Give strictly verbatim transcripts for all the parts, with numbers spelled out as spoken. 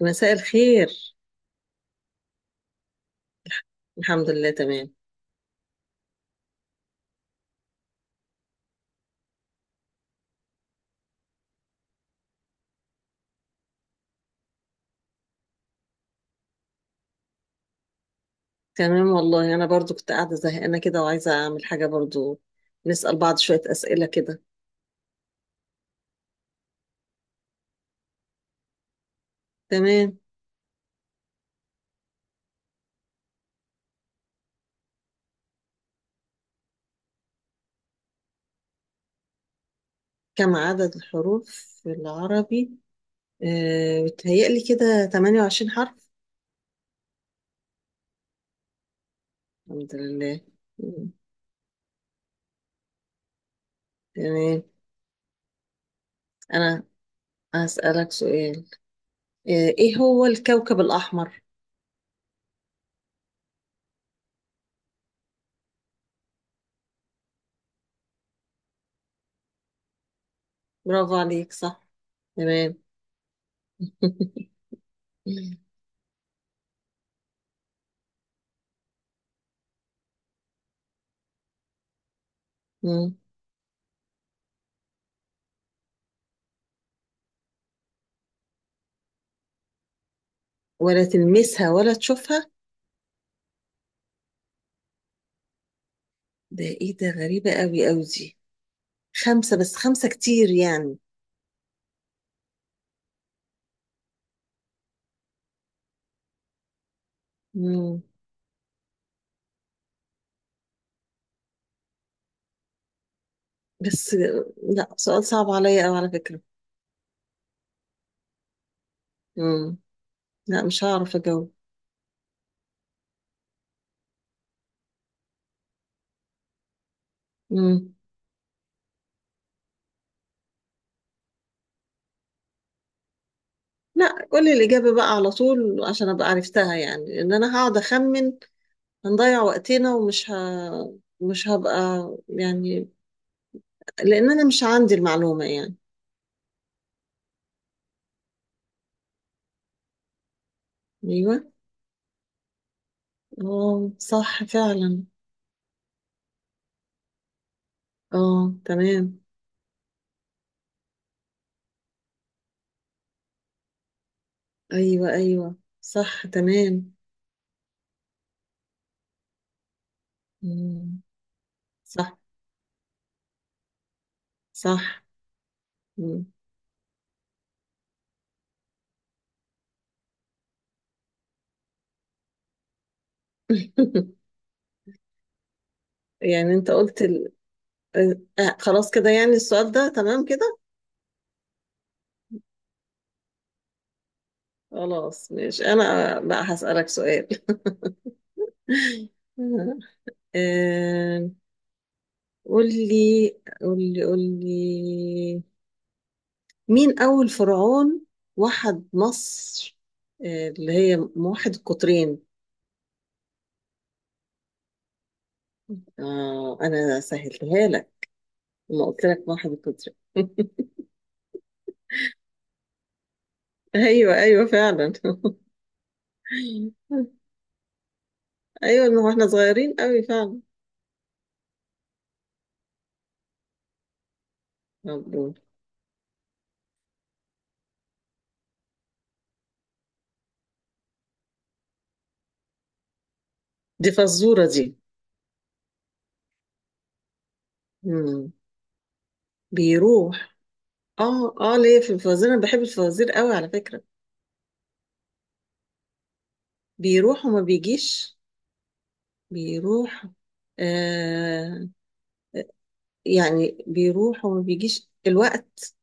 مساء الخير. الحمد لله تمام. تمام والله، انا برضو كنت قاعده زهقانه كده وعايزه اعمل حاجه برضو. نسأل بعض شويه اسئله كده. تمام. كم عدد الحروف في العربي؟ آه بتهيألي كده ثمانية وعشرين حرف. الحمد لله. مم. تمام. انا هسألك سؤال. آه ايه هو الكوكب الاحمر؟ برافو عليك، صح. تمام. مم. ولا تلمسها ولا تشوفها؟ ده ايه ده، غريبه قوي قوي دي. خمسة؟ بس خمسة كتير يعني. مم. بس لا، سؤال صعب عليا أوي على فكرة. مم. لا، مش هعرف أجاوب. مم. لا، قولي الإجابة بقى على طول، عشان أبقى عرفتها، يعني إن أنا هقعد أخمن هنضيع وقتنا، ومش ه... مش هبقى يعني، لأن أنا مش عندي المعلومة يعني. أيوه، أه صح فعلا. أه تمام. أيوه أيوه، صح تمام. مم. صح صح. مم. يعني انت قلت ال... آه، آه، خلاص كده، يعني السؤال ده تمام كده. خلاص مش انا، آه، بقى هسألك سؤال. آه، قول لي قول لي قول لي مين اول فرعون وحد مصر، آه، اللي هي موحد القطرين؟ آه انا سهلتها لك لما قلت لك موحد القطرين. ايوه ايوه فعلا. ايوه، ما هو احنا صغيرين قوي فعلا. مبروك. دي فزورة دي. مم. بيروح؟ اه اه، ليه في الفوازير، انا بحب الفوازير قوي على فكرة. بيروح وما بيجيش، بيروح، آه يعني بيروح وما بيجيش الوقت.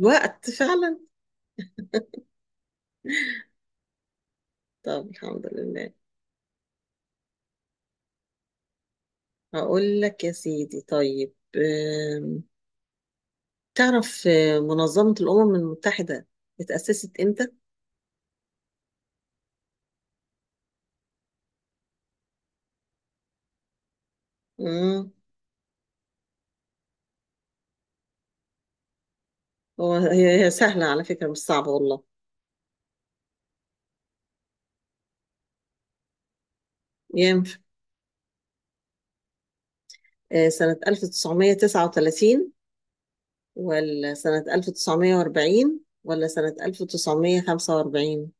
الوقت فعلا. طب الحمد لله. هقول لك يا سيدي، طيب. آم، تعرف آه، منظمة الأمم المتحدة اتأسست امتى؟ مم. هو هي هي سهلة على فكرة، مش صعبة والله. ينفع. آه، سنة ألف وتسعمائة وتسعة وثلاثون ولا سنة ألف وتسعمائة وأربعون ولا سنة ألف وتسعمية وخمسة وأربعين؟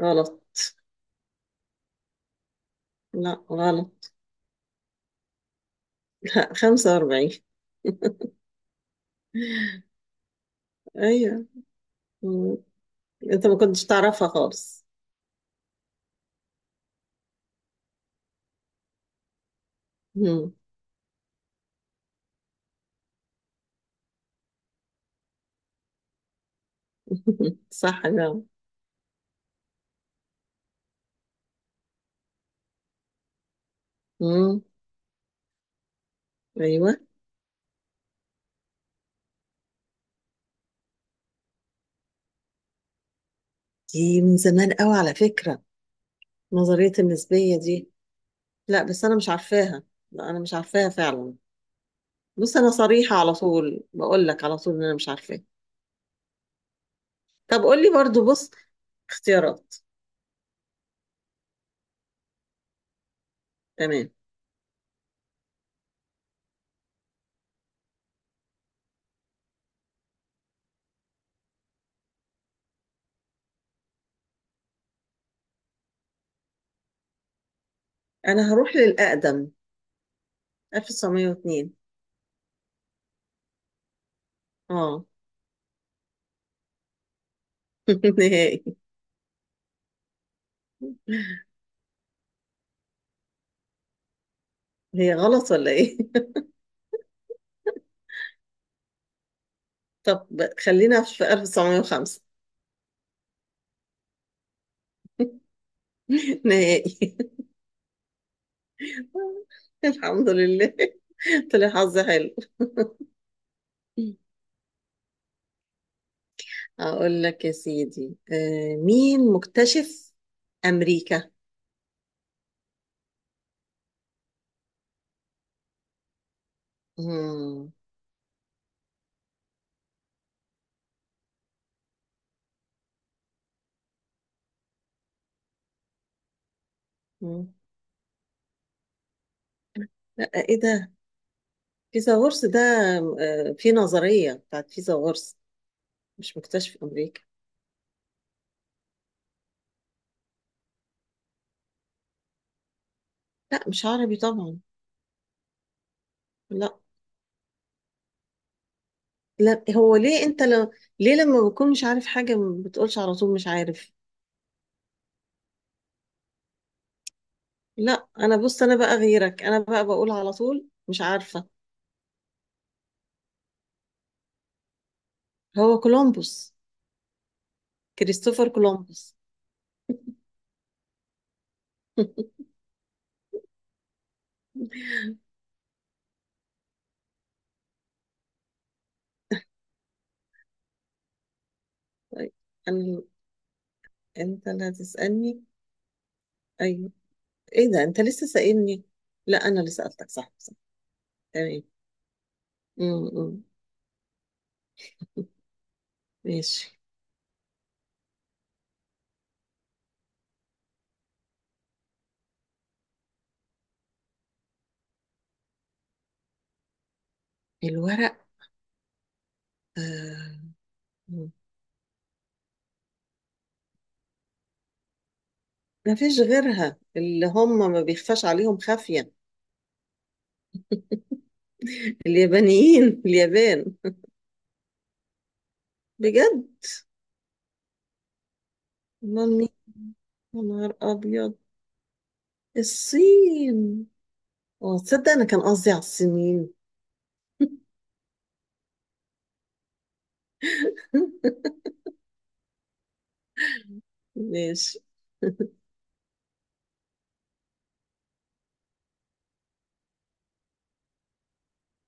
غلط. لا غلط. خمسة وأربعين. ايوه. مم. انت ما كنتش تعرفها خالص. مم. صح جدا. مم. ايوه. دي من زمان قوي على فكرة، نظرية النسبية دي. لا بس انا مش عارفاها. لا انا مش عارفاها فعلا. بص، انا صريحة على طول، بقول لك على طول ان انا مش عارفاها. طب قول لي برضو، بص، اختيارات. تمام. انا هروح للأقدم، ألف وتسعمائة واثنين. اه. نهائي. هي غلط ولا ايه؟ طب خلينا في ألف وتسعمائة وخمسة. نهائي. الحمد لله. طلع حظ حلو. اقول لك يا سيدي، آه، مين مكتشف امريكا؟ مم. مم. لا ايه ده، فيثاغورس ده، آه، في نظرية بتاعت فيثاغورس. مش مكتشف امريكا. لا مش عربي طبعا. لا. لا هو ليه، انت لو، ليه لما بكون مش عارف حاجة ما بتقولش على طول مش عارف؟ لا انا، بص، انا بقى غيرك، انا بقى بقول على طول مش عارفة. هو كولومبوس، كريستوفر كولومبوس. طيب، انا، انت اللي هتسألني؟ ايوه. ايه ده انت لسه سائلني؟ لا انا اللي سألتك، صح صح. تمام. م- م. ماشي. الورق. آه. م. ما فيش غيرها، اللي هم ما بيخفاش عليهم خافية. اليابانيين، اليابان. بجد؟ مامي، يا نهار أبيض. الصين. اه، تصدق أنا كان قصدي على الصينيين. ماشي.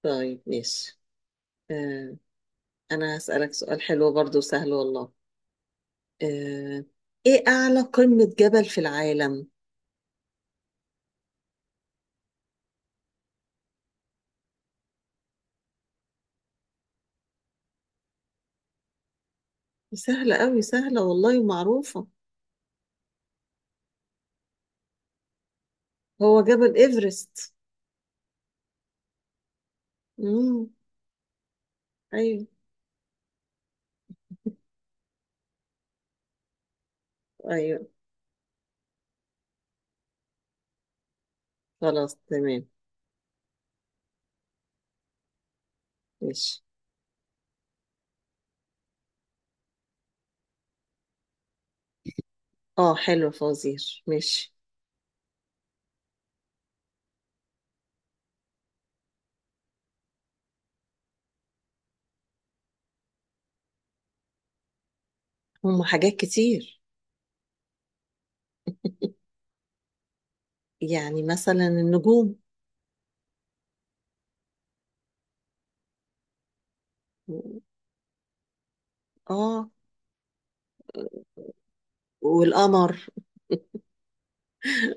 طيب ماشي. آه أنا هسألك سؤال حلو برضو، سهل والله. آه إيه أعلى قمة جبل في العالم؟ سهلة أوي، سهلة والله ومعروفة. هو جبل إيفرست. مم. أيوه أيوه. خلاص تمام. ماشي. اه حلو، فوزير، ماشي. هما حاجات كتير. يعني مثلا النجوم. اه، والقمر.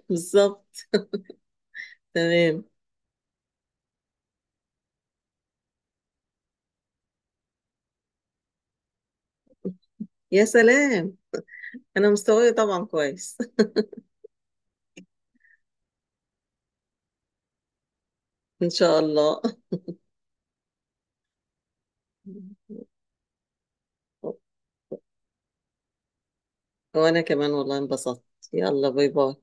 بالظبط. تمام. يا سلام. انا مستواي طبعا كويس. ان شاء الله. وانا كمان والله انبسطت. يلا باي باي.